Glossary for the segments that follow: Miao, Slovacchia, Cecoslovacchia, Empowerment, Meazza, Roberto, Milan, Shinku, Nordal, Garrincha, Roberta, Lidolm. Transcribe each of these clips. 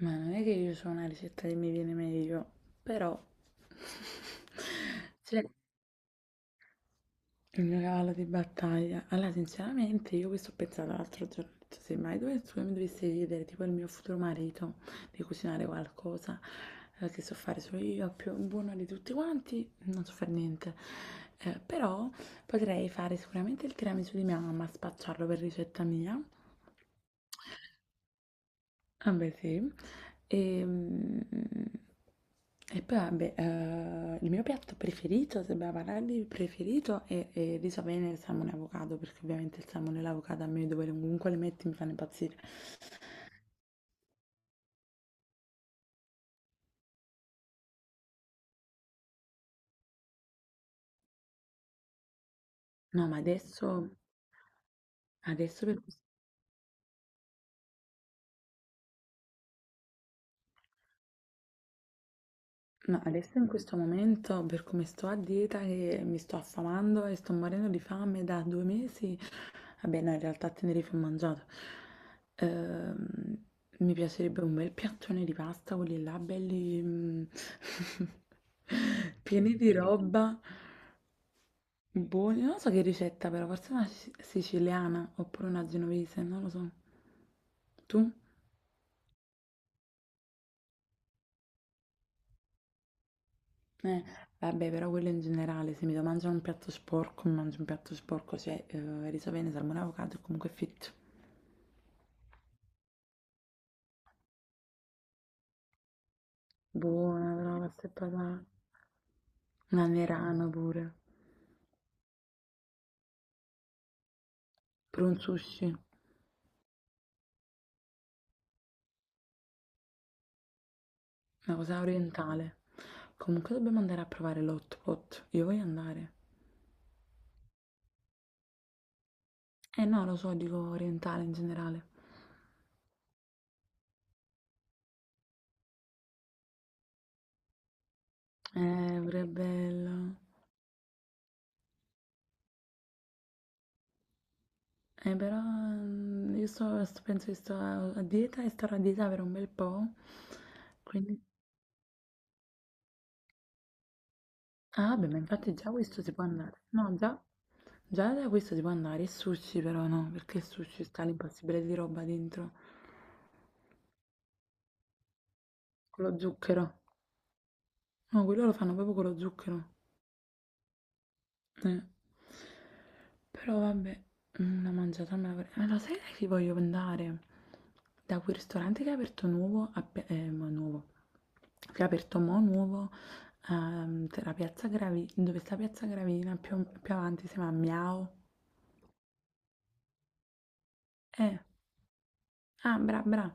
Ma non è che io so una ricetta che mi viene meglio, però cioè, il mio cavallo di battaglia. Allora, sinceramente, io questo ho pensato l'altro giorno, ho detto, se mai dovessi, mi dovessi chiedere, tipo il mio futuro marito, di cucinare qualcosa che so fare solo io, più buono di tutti quanti, non so fare niente. Però potrei fare sicuramente il tiramisù di mia mamma, spacciarlo per ricetta mia. Ah beh sì. Ehm, e poi vabbè, il mio piatto preferito, se dobbiamo parlare di preferito, è il riso bene e il salmone e avocado, perché ovviamente il salmone e l'avocado a me dove comunque li metti mi fanno impazzire. No, ma adesso, adesso, per no, adesso in questo momento, per come sto a dieta, che mi sto affamando e sto morendo di fame da 2 mesi. Vabbè, no, in realtà a Tenerife ho mangiato. Ehm, Mi piacerebbe un bel piattone di pasta, quelli là belli pieni di roba, buoni. Non lo so che ricetta però, forse una siciliana oppure una genovese, non lo so. Tu? Eh, vabbè, però quello in generale, se mi devo mangiare un piatto sporco, mi mangio un piatto sporco, cioè riso bene, salmone, avocado e comunque fitto. Buona però la pasta e patate. Un anerano pure. Per un sushi. Una cosa orientale. Comunque dobbiamo andare a provare l'hot pot. Io voglio andare. Eh no, lo so, dico orientale in generale. Pure bello. Però io penso che sto a dieta e starò a dieta per un bel po'. Quindi... Ah, vabbè, ma infatti già questo si può andare. No, già, già da questo si può andare. Il sushi però no, perché il sushi sta l'impossibile di roba dentro. Con lo zucchero. No, quello lo fanno proprio con lo zucchero. Eh. Però vabbè, una mangiata me la vorrei... Ma lo sai da chi voglio andare? Da quel ristorante che è aperto nuovo, ma nuovo, che è aperto mo' nuovo, tra Piazza Gravi, dove sta Piazza Gravina, più avanti si chiama Miao. Eh, bra,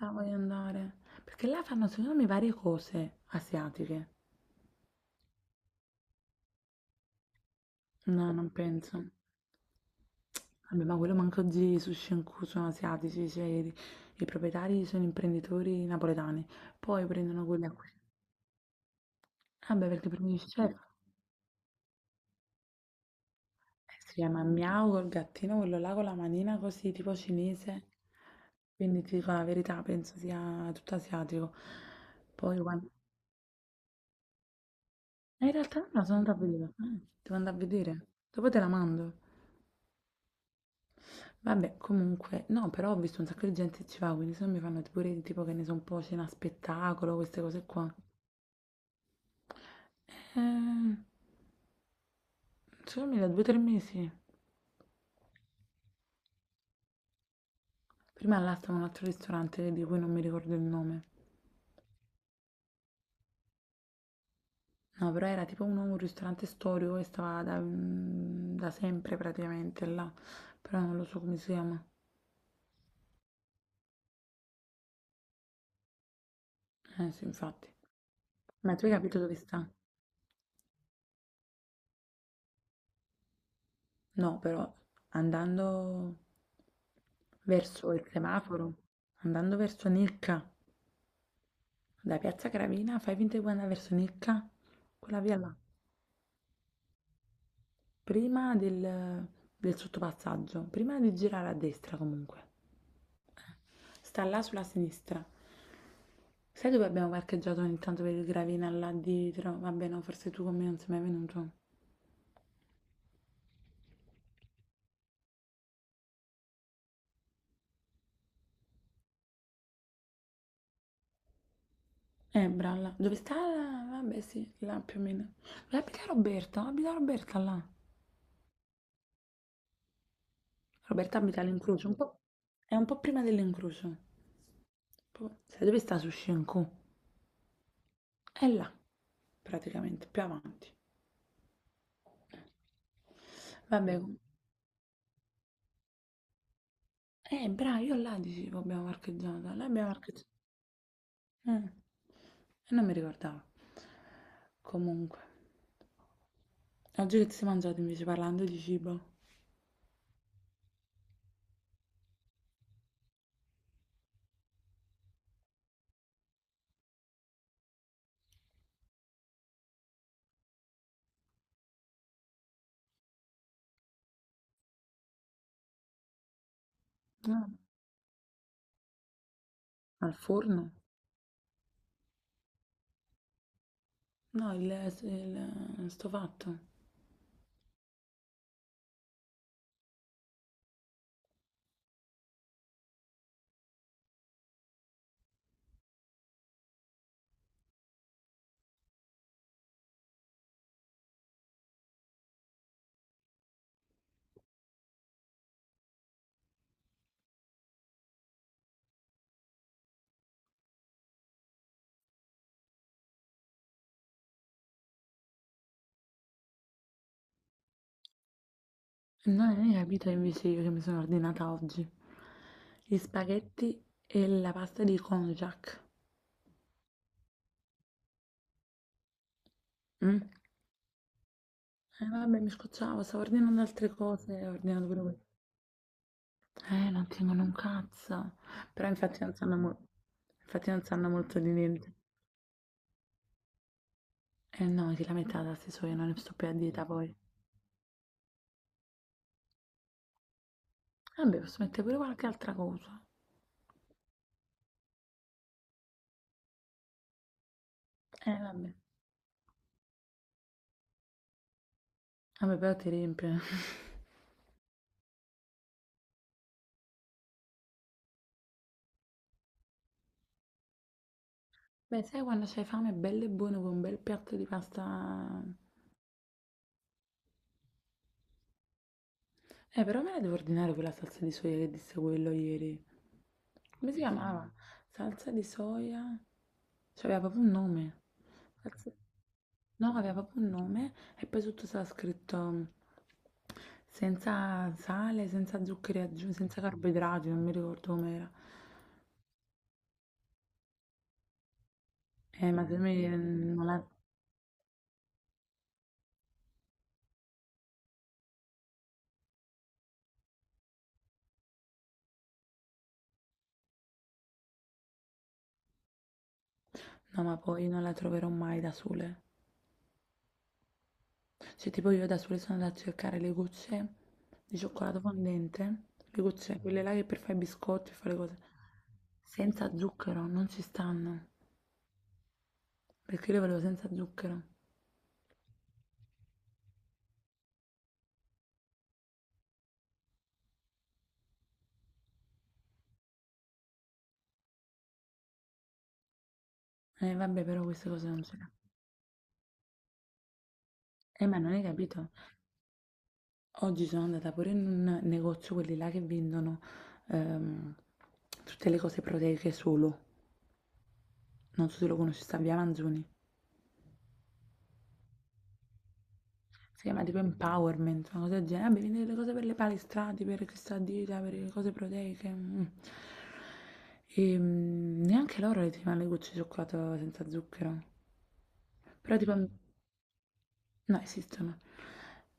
ah, voglio andare. Perché là fanno secondo me varie cose asiatiche. No, non penso. Vabbè, ma quello manco oggi i sushi in cui sono asiatici, i proprietari sono imprenditori napoletani. Poi prendono quelli a cui vabbè, perché per me il chef si chiama Miao col gattino, quello là con la manina così, tipo cinese. Quindi ti dico la verità, penso sia tutto asiatico. Poi quando... in realtà no, sono andata a vedere. Eh, devo andare a vedere. Dopo te la mando. Vabbè, comunque, no, però ho visto un sacco di gente che ci va, quindi se no mi fanno pure tipo che ne so un po' cena spettacolo, queste cose qua. Eh, secondo me da 2 o 3 mesi. Prima là stava un altro ristorante di cui non mi ricordo il nome. No, però era tipo un ristorante storico che stava da, da sempre praticamente là, però non lo so come si chiama. Eh sì, infatti. Ma tu hai capito dove sta? No, però andando verso il semaforo, andando verso Nicca, da Piazza Gravina, fai finta di andare verso Nicca, quella via là, prima del sottopassaggio, prima di girare a destra comunque. Sta là sulla sinistra. Sai dove abbiamo parcheggiato ogni tanto per il gravina là dietro? Vabbè, no, forse tu con me non sei mai venuto. Bralla. Dove sta? Vabbè, sì, là più o meno. Dove abita Roberto? Abita Roberta là. Roberta abita all'incrocio, un po'... è un po' prima dell'incrocio. Sai dove sta su Shinku? È là, praticamente, più avanti. Vabbè, com- bravo, io là dicevo abbiamo parcheggiato. Là abbiamo parcheggiato. Eh, e non mi ricordavo. Comunque, oggi che ti sei mangiato invece parlando di cibo? Ah, al forno? No, il- sto fatto. No, non hai capito invece io che mi sono ordinata oggi. Gli spaghetti e la pasta di konjac. Mm? Eh vabbè, mi scocciavo, stavo ordinando altre cose, e ho ordinato pure questo. Non tengono un cazzo. Però infatti non sanno, mo- infatti non sanno molto di niente. Eh no, che la metà da se so, io non ne sto più a dieta poi. Vabbè, posso mettere pure qualche altra cosa. Eh vabbè. Vabbè, però ti riempie. Beh, sai quando c'hai fame, bello e buono con un bel piatto di pasta. Però me la devo ordinare quella salsa di soia che disse quello ieri. Come si chiamava? Mm. Salsa di soia? Cioè, aveva proprio un nome. Salsa- no, aveva proprio un nome e poi sotto stava scritto senza sale, senza zuccheri aggiunti, senza carboidrati, non mi ricordo com'era. Ma se mi- non la... No, ma poi non la troverò mai da sole. Cioè, tipo io da sole sono andata a cercare le gocce di cioccolato fondente, le gocce, quelle là che per fare i biscotti e fare le cose, senza zucchero, non ci stanno. Perché io lo volevo senza zucchero. Vabbè, però queste cose non si fa. Ma non hai capito? Oggi sono andata pure in un negozio, quelli là che vendono ehm, tutte le cose proteiche solo. Non so se lo conosci, sta via Manzoni. Si chiama tipo Empowerment, una cosa del genere. Vabbè, vendete le cose per le palestrati, per questa dieta, per le cose proteiche. Mm. E neanche loro le ti fanno le gocce di cioccolato senza zucchero. Però tipo no, esistono.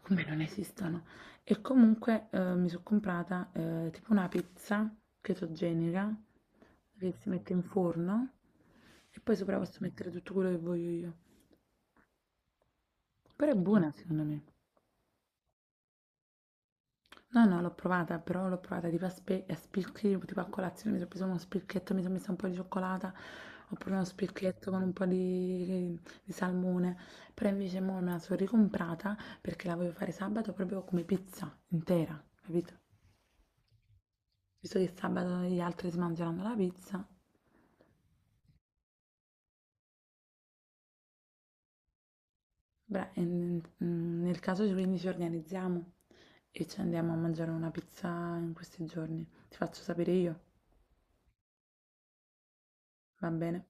Come non esistono? E comunque, mi so' comprata, tipo una pizza chetogenica che si mette in forno e poi sopra posso mettere tutto quello che voglio io. Però è buona secondo me. No, no, l'ho provata, però l'ho provata tipo a spicchi, tipo a colazione, mi sono preso uno spilchetto, mi sono messa un po' di cioccolata, ho preso uno spilchetto con un po' di salmone, però invece mo me la sono ricomprata perché la voglio fare sabato proprio come pizza intera, capito? Visto che sabato gli altri si mangeranno la pizza, beh, nel caso quindi ci organizziamo e ci andiamo a mangiare una pizza in questi giorni. Ti faccio sapere io, va bene?